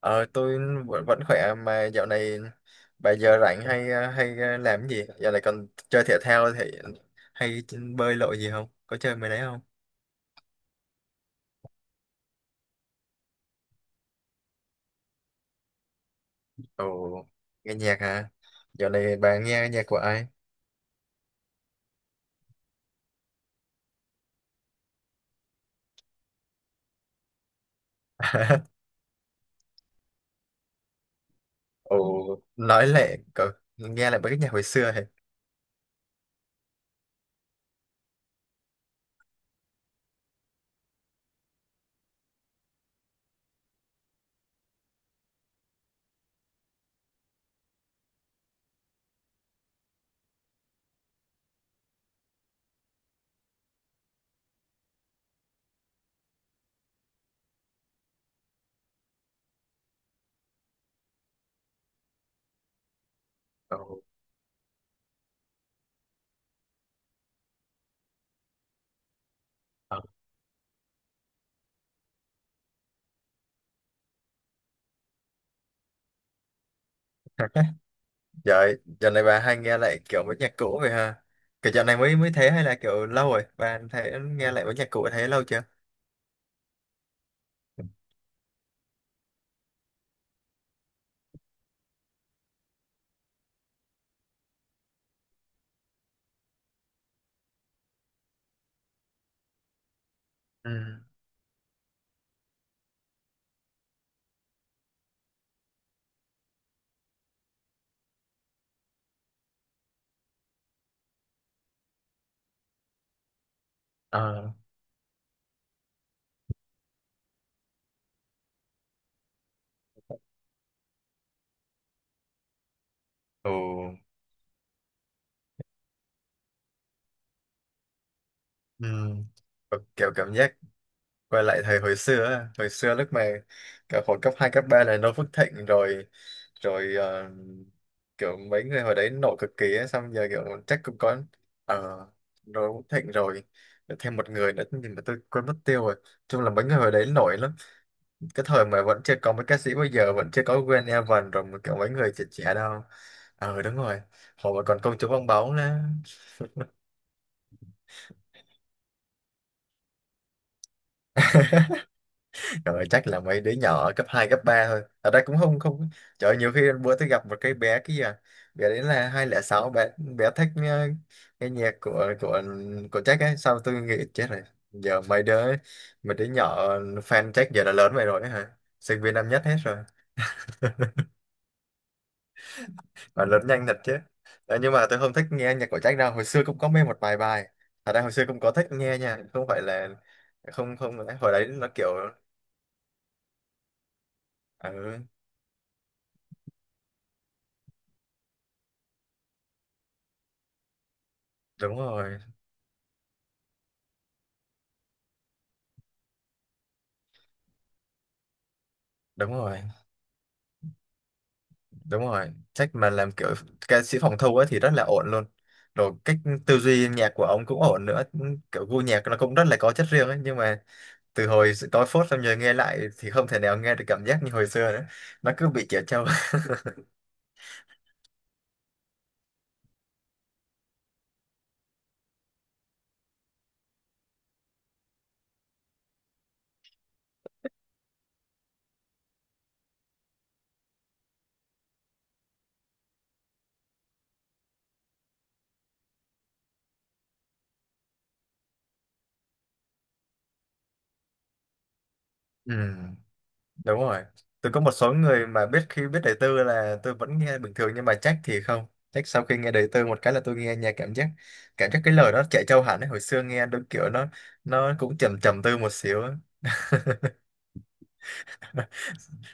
Ờ, tôi vẫn khỏe mà dạo này bà giờ rảnh hay làm cái gì? Dạo này còn chơi thể thao thì hay bơi lội gì không? Có chơi mấy đấy không? Ồ, nghe nhạc hả? Dạo này bà nghe nhạc của ai? Ồ, nói lại cậu nghe lại mấy cái nhạc hồi xưa hả? Ồ. Ờ. Vậy dạo này bà hay nghe lại kiểu mấy nhạc cũ vậy ha? Kiểu dạo này mới mới thế hay là kiểu lâu rồi? Bà thấy nghe lại mấy nhạc cũ thấy lâu chưa? Ừ. Ờ. Ồ. Ừ. Kiểu kiểu cảm giác quay lại thời hồi xưa á, hồi xưa lúc mà cả hồi cấp 2 cấp 3 là Noo Phước Thịnh rồi rồi ờ, kiểu mấy người hồi đấy nổi cực kỳ ấy, xong giờ kiểu chắc cũng có ờ Noo Phước Thịnh rồi thêm một người nữa nhưng mà tôi quên mất tiêu rồi, chung là mấy người hồi đấy nổi lắm, cái thời mà vẫn chưa có mấy ca sĩ bây giờ, vẫn chưa có Gwen Evan rồi, mà kiểu mấy người trẻ trẻ đâu. Đúng rồi, hồi mà còn công chúa bong bóng nữa. Trời ơi, chắc là mấy đứa nhỏ ở cấp 2 cấp 3 thôi. Ở đây cũng không không. Trời ơi, nhiều khi bữa tôi gặp một cái bé kia, bé đấy là 2006, bé bé thích cái nhạc của Jack ấy, sao tôi nghĩ chết rồi. Giờ mấy đứa nhỏ fan Jack giờ đã lớn vậy rồi ấy hả? Sinh viên năm nhất hết rồi. Mà lớn nhanh thật chứ. Ờ, nhưng mà tôi không thích nghe nhạc của Jack đâu, hồi xưa cũng có mê một vài bài. Ở đây hồi xưa cũng có thích nghe nha, không phải là không không, hồi đấy nó kiểu ừ, đúng rồi, đúng rồi. Đúng rồi, trách mà làm kiểu ca sĩ phòng thu ấy thì rất là ổn luôn, rồi cách tư duy nhạc của ông cũng ổn nữa, kiểu gu nhạc nó cũng rất là có chất riêng ấy, nhưng mà từ hồi tối phốt xong giờ nghe lại thì không thể nào nghe được cảm giác như hồi xưa nữa, nó cứ bị trẻ trâu. Ừ, đúng rồi, tôi có một số người mà biết, khi biết đời tư là tôi vẫn nghe bình thường nhưng mà trách thì không, trách sau khi nghe đời tư một cái là tôi nghe nhạc cảm giác cái lời nó trẻ trâu hẳn ấy, hồi xưa nghe đúng kiểu nó cũng trầm trầm tư một xíu ấy.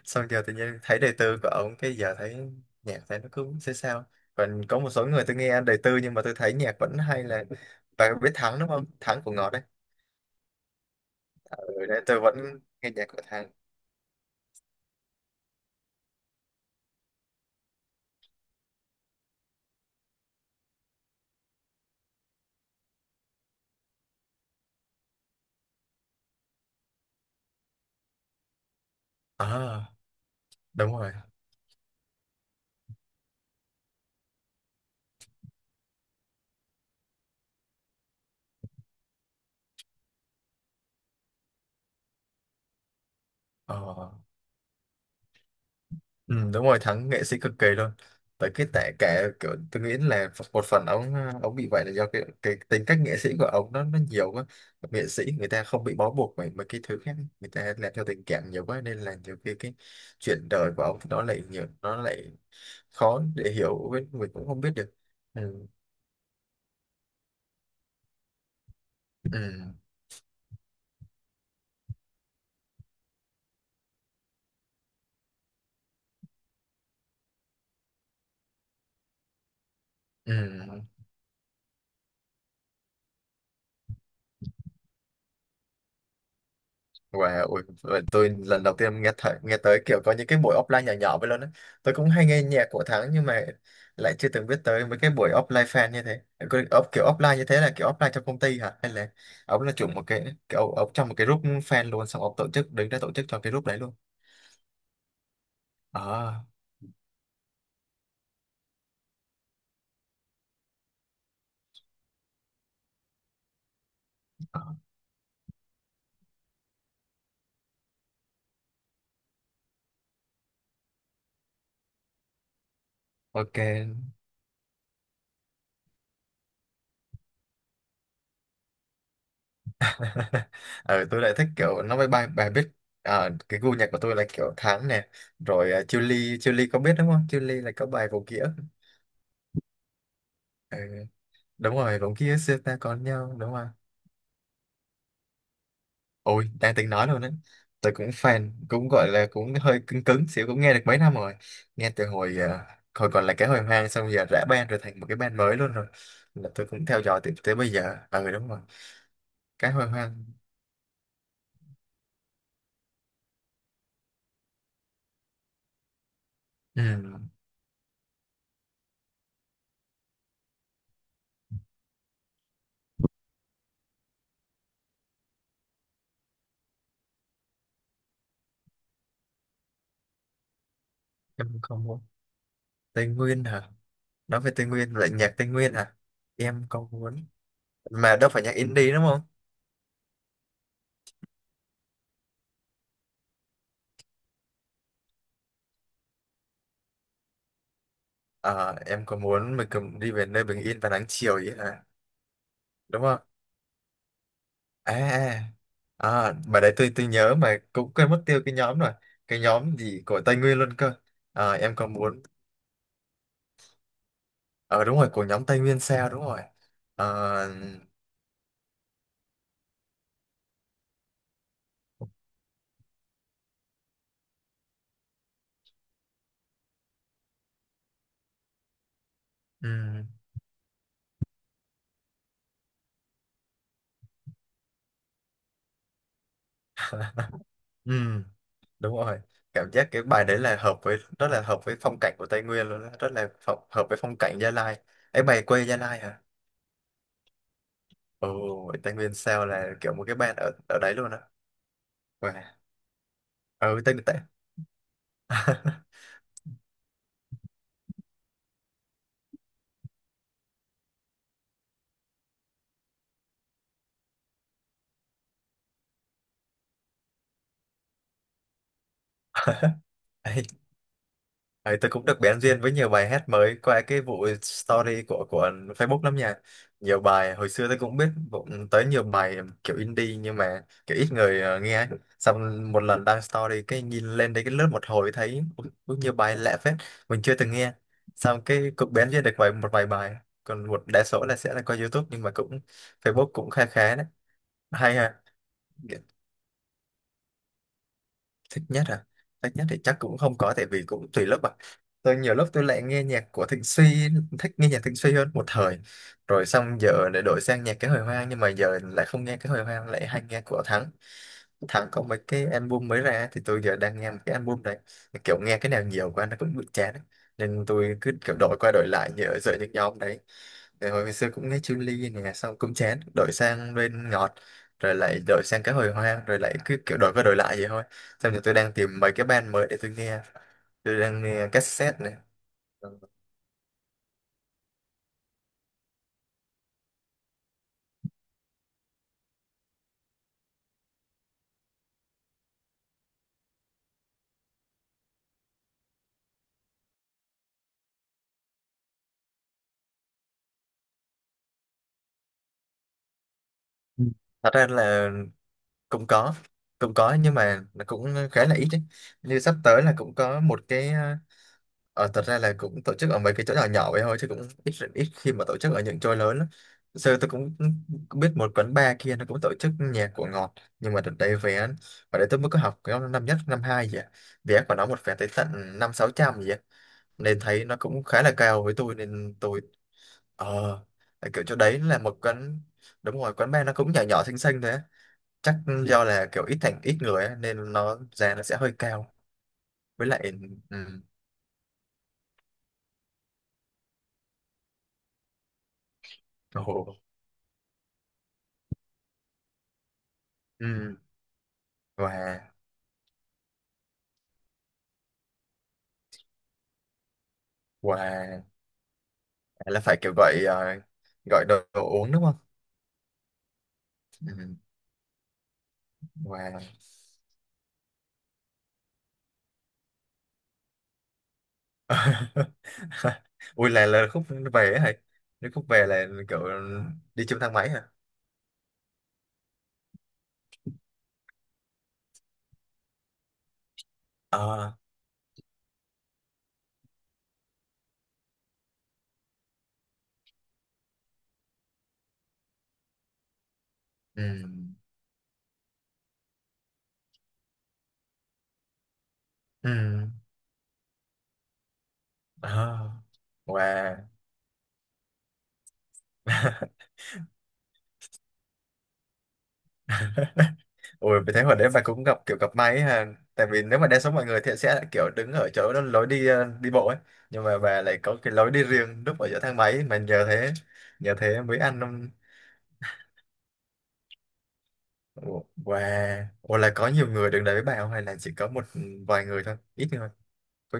Xong giờ tự nhiên thấy đời tư của ổng cái giờ thấy nhạc, thấy nó cứ sẽ sao. Còn có một số người tôi nghe đời tư nhưng mà tôi thấy nhạc vẫn hay, là bạn biết Thắng đúng không, Thắng của Ngọt đấy. Ừ, đấy tôi vẫn nghe nhạc của Thắng. À đúng rồi. ờ Ừ, đúng rồi, Thắng nghệ sĩ cực kỳ luôn, tại cả kiểu tôi nghĩ là một phần ông bị vậy là do cái tính cách nghệ sĩ của ông nó nhiều quá. Nghệ sĩ người ta không bị bó buộc bởi mấy cái thứ khác, người ta làm theo tình cảm nhiều quá nên là nhiều khi cái chuyện đời của ông nó lại nhiều, nó lại khó để hiểu, với mình cũng không biết được. Ừ. Ừ. Ừ. Wow, ui, vậy tôi lần đầu tiên nghe thấy, nghe tới kiểu có những cái buổi offline nhỏ nhỏ vậy luôn á. Tôi cũng hay nghe nhạc của Thắng nhưng mà lại chưa từng biết tới mấy cái buổi offline fan như thế. Kiểu offline như thế là kiểu offline trong công ty hả? Hay là ông là chủ một cái kiểu ông trong một cái group fan luôn, xong ông tổ chức, đứng ra tổ chức cho cái group đấy luôn. À, à, ok. Ờ, tôi lại thích kiểu nó bài, bài biết. Ờ, cái gu nhạc của tôi là kiểu Thắng nè, rồi Chillies, Chillies, có biết đúng không? Chillies là có bài vô nghĩa. Đúng rồi, cũng kia xưa ta có nhau, đúng rồi. Ôi đang tính nói luôn đấy, tôi cũng fan, cũng gọi là cũng hơi cứng cứng xíu, cũng nghe được mấy năm rồi, nghe từ hồi còn là cái hồi hoang, xong giờ rã band rồi thành một cái band mới luôn rồi, là tôi cũng theo dõi tới bây giờ. À ừ, đúng rồi, cái hồi hoang. Ừ, em không muốn. Tây Nguyên hả? Nói về Tây Nguyên lại nhạc Tây Nguyên hả? Em có muốn, mà đâu phải nhạc indie đúng không? Ờ, em có muốn mình cùng đi về nơi bình yên và nắng chiều, vậy hả, đúng không? à à mà đấy tôi nhớ mà cũng quên mất tiêu cái nhóm rồi, cái nhóm gì của Tây Nguyên luôn cơ. À, em còn muốn. Ờ Đúng rồi, của nhóm Tây Nguyên Sao, đúng rồi. Ờ, ừm, ừm, đúng rồi, cảm giác cái bài đấy là hợp với, rất là hợp với phong cảnh của Tây Nguyên luôn đó, rất là hợp với phong cảnh Gia Lai ấy. Mày quê Gia Lai hả? Ồ, Tây Nguyên Sao là kiểu một cái band ở ở đấy luôn á? Wow. Ừ, Tây Tây Ấy, tôi cũng được bén duyên với nhiều bài hát mới qua cái vụ story của Facebook lắm nha. Nhiều bài hồi xưa tôi cũng biết, cũng tới nhiều bài kiểu indie nhưng mà kiểu ít người nghe ấy. Xong một lần đăng story cái nhìn lên đấy, cái lướt một hồi thấy ui, ui, nhiều bài lạ phết mình chưa từng nghe. Xong cái cũng bén duyên được một vài bài, còn một đa số là sẽ là qua YouTube, nhưng mà cũng Facebook cũng khá khá đấy. Hay ha. Thích nhất à? Thích nhất thì chắc cũng không có, tại vì cũng tùy lớp à, tôi nhiều lúc tôi lại nghe nhạc của Thịnh Suy, thích nghe nhạc Thịnh Suy hơn một thời, rồi xong giờ lại đổi sang nhạc cái hồi hoang, nhưng mà giờ lại không nghe cái hồi hoang, lại hay nghe của Thắng. Thắng có mấy cái album mới ra thì tôi giờ đang nghe một cái album đấy, kiểu nghe cái nào nhiều quá nó cũng bị chán ấy, nên tôi cứ kiểu đổi qua đổi lại như ở giữa những nhóm đấy. Rồi hồi xưa cũng nghe Chun-Li nè xong cũng chán đổi sang bên Ngọt, rồi lại đổi sang cái hồi hoang, rồi lại cứ kiểu đổi qua đổi lại vậy thôi. Xong rồi tôi đang tìm mấy cái band mới để tôi nghe. Tôi đang nghe cassette này. Ừ. Ừ. Thật ra là cũng có. Cũng có nhưng mà nó cũng khá là ít đấy. Như sắp tới là cũng có một cái... thật ra là cũng tổ chức ở mấy cái chỗ nhỏ nhỏ vậy thôi chứ cũng ít ít khi mà tổ chức ở những chỗ lớn lắm. Sơ tôi cũng cũng biết một quán bar kia nó cũng tổ chức nhạc của Ngọt, nhưng mà đợt đấy vé, ở đấy tôi mới có học cái năm nhất năm hai gì à, vé của nó một vé tới tận năm sáu trăm gì á, nên thấy nó cũng khá là cao với tôi nên tôi. Ờ, tại kiểu chỗ đấy là một quán, đúng rồi quán bar nó cũng nhỏ nhỏ xinh xinh thế, chắc do là kiểu ít, thành ít người á, nên giá nó sẽ hơi cao, với lại ừ, ồ, ừ, và và là phải kiểu gọi gọi đồ uống đúng không, ừ, và. Ui là khúc về ấy hả? Nếu khúc về là kiểu đi chung thang máy hả? Ờ. Ừ. Ừ. Ờ. Và. Ôi, vì thế hồi đấy bà cũng gặp kiểu gặp may ấy ha. Tại vì nếu mà đa số mọi người thì sẽ kiểu đứng ở chỗ đó, lối đi đi bộ ấy. Nhưng mà bà lại có cái lối đi riêng, núp ở giữa thang máy mà nhờ thế, nhờ thế mới ăn năm. Wow. Ủa là có nhiều người đứng đấy với bà không hay là chỉ có một vài người thôi? Ít người. Có-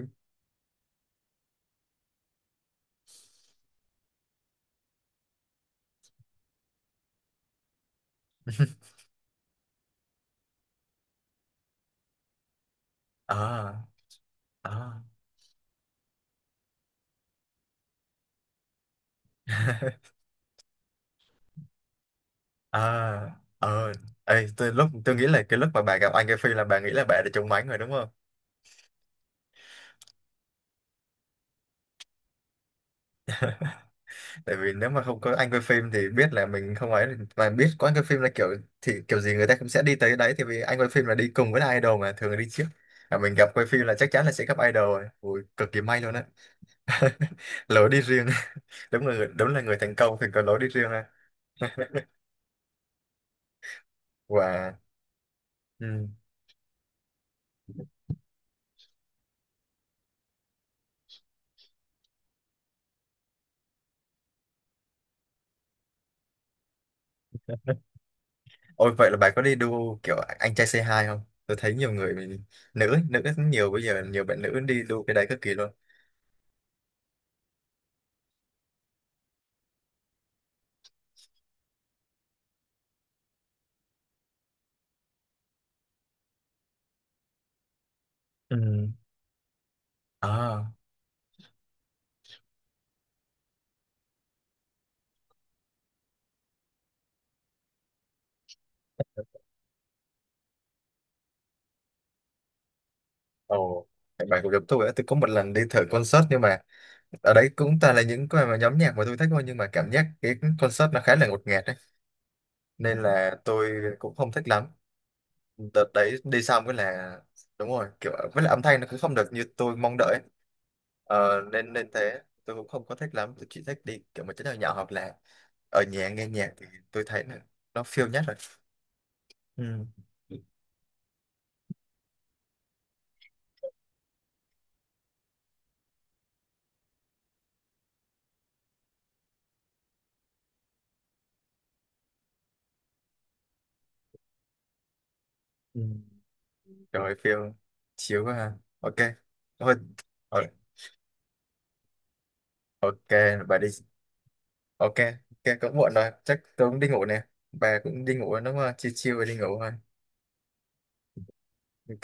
Ờ. Ờ. Ờ. Ờ. Ê, tôi lúc nghĩ là cái lúc mà bà gặp anh cái Phi là bà nghĩ là bà đã trúng mánh rồi đúng không? Tại vì nếu mà không có anh quay phim thì biết là mình không ấy, mà biết có anh quay phim là kiểu, thì kiểu gì người ta cũng sẽ đi tới đấy thì, vì anh quay phim là đi cùng với idol mà thường là đi trước, mà mình gặp quay phim là chắc chắn là sẽ gặp idol rồi. Ui, cực kỳ may luôn á. Lối đi riêng. Đúng là người thành công thì có lối đi riêng ha. Và ừ. Ôi vậy là bà có đi đua kiểu Anh Trai Say Hai Không? Tôi thấy nhiều người nữ nữ rất nhiều, bây giờ nhiều bạn nữ đi đua cái đấy cực kỳ luôn. Ừ. À. Ồ. Bạn cũng giống tôi á, tôi có một lần đi thử concert nhưng mà ở đấy cũng toàn là những cái mà nhóm nhạc mà tôi thích thôi, nhưng mà cảm giác cái concert nó khá là ngột ngạt đấy, nên là tôi cũng không thích lắm. Đợt đấy đi xong cái là, đúng rồi, kiểu với lại âm thanh nó cũng không được như tôi mong đợi ấy. Nên nên thế tôi cũng không có thích lắm, tôi chỉ thích đi kiểu mà chỗ nào nhỏ hoặc là ở nhà nghe nhạc thì tôi thấy là nó feel nhất rồi. Ừ. Ừ. Trời ơi, feel chiếu quá ha. Ok thôi, ờ, ok bà đi. Ok. Ok cũng muộn rồi chắc tôi cũng đi ngủ nè, bà cũng đi ngủ rồi đúng không, chiều chiều rồi đi ngủ thôi. Ok.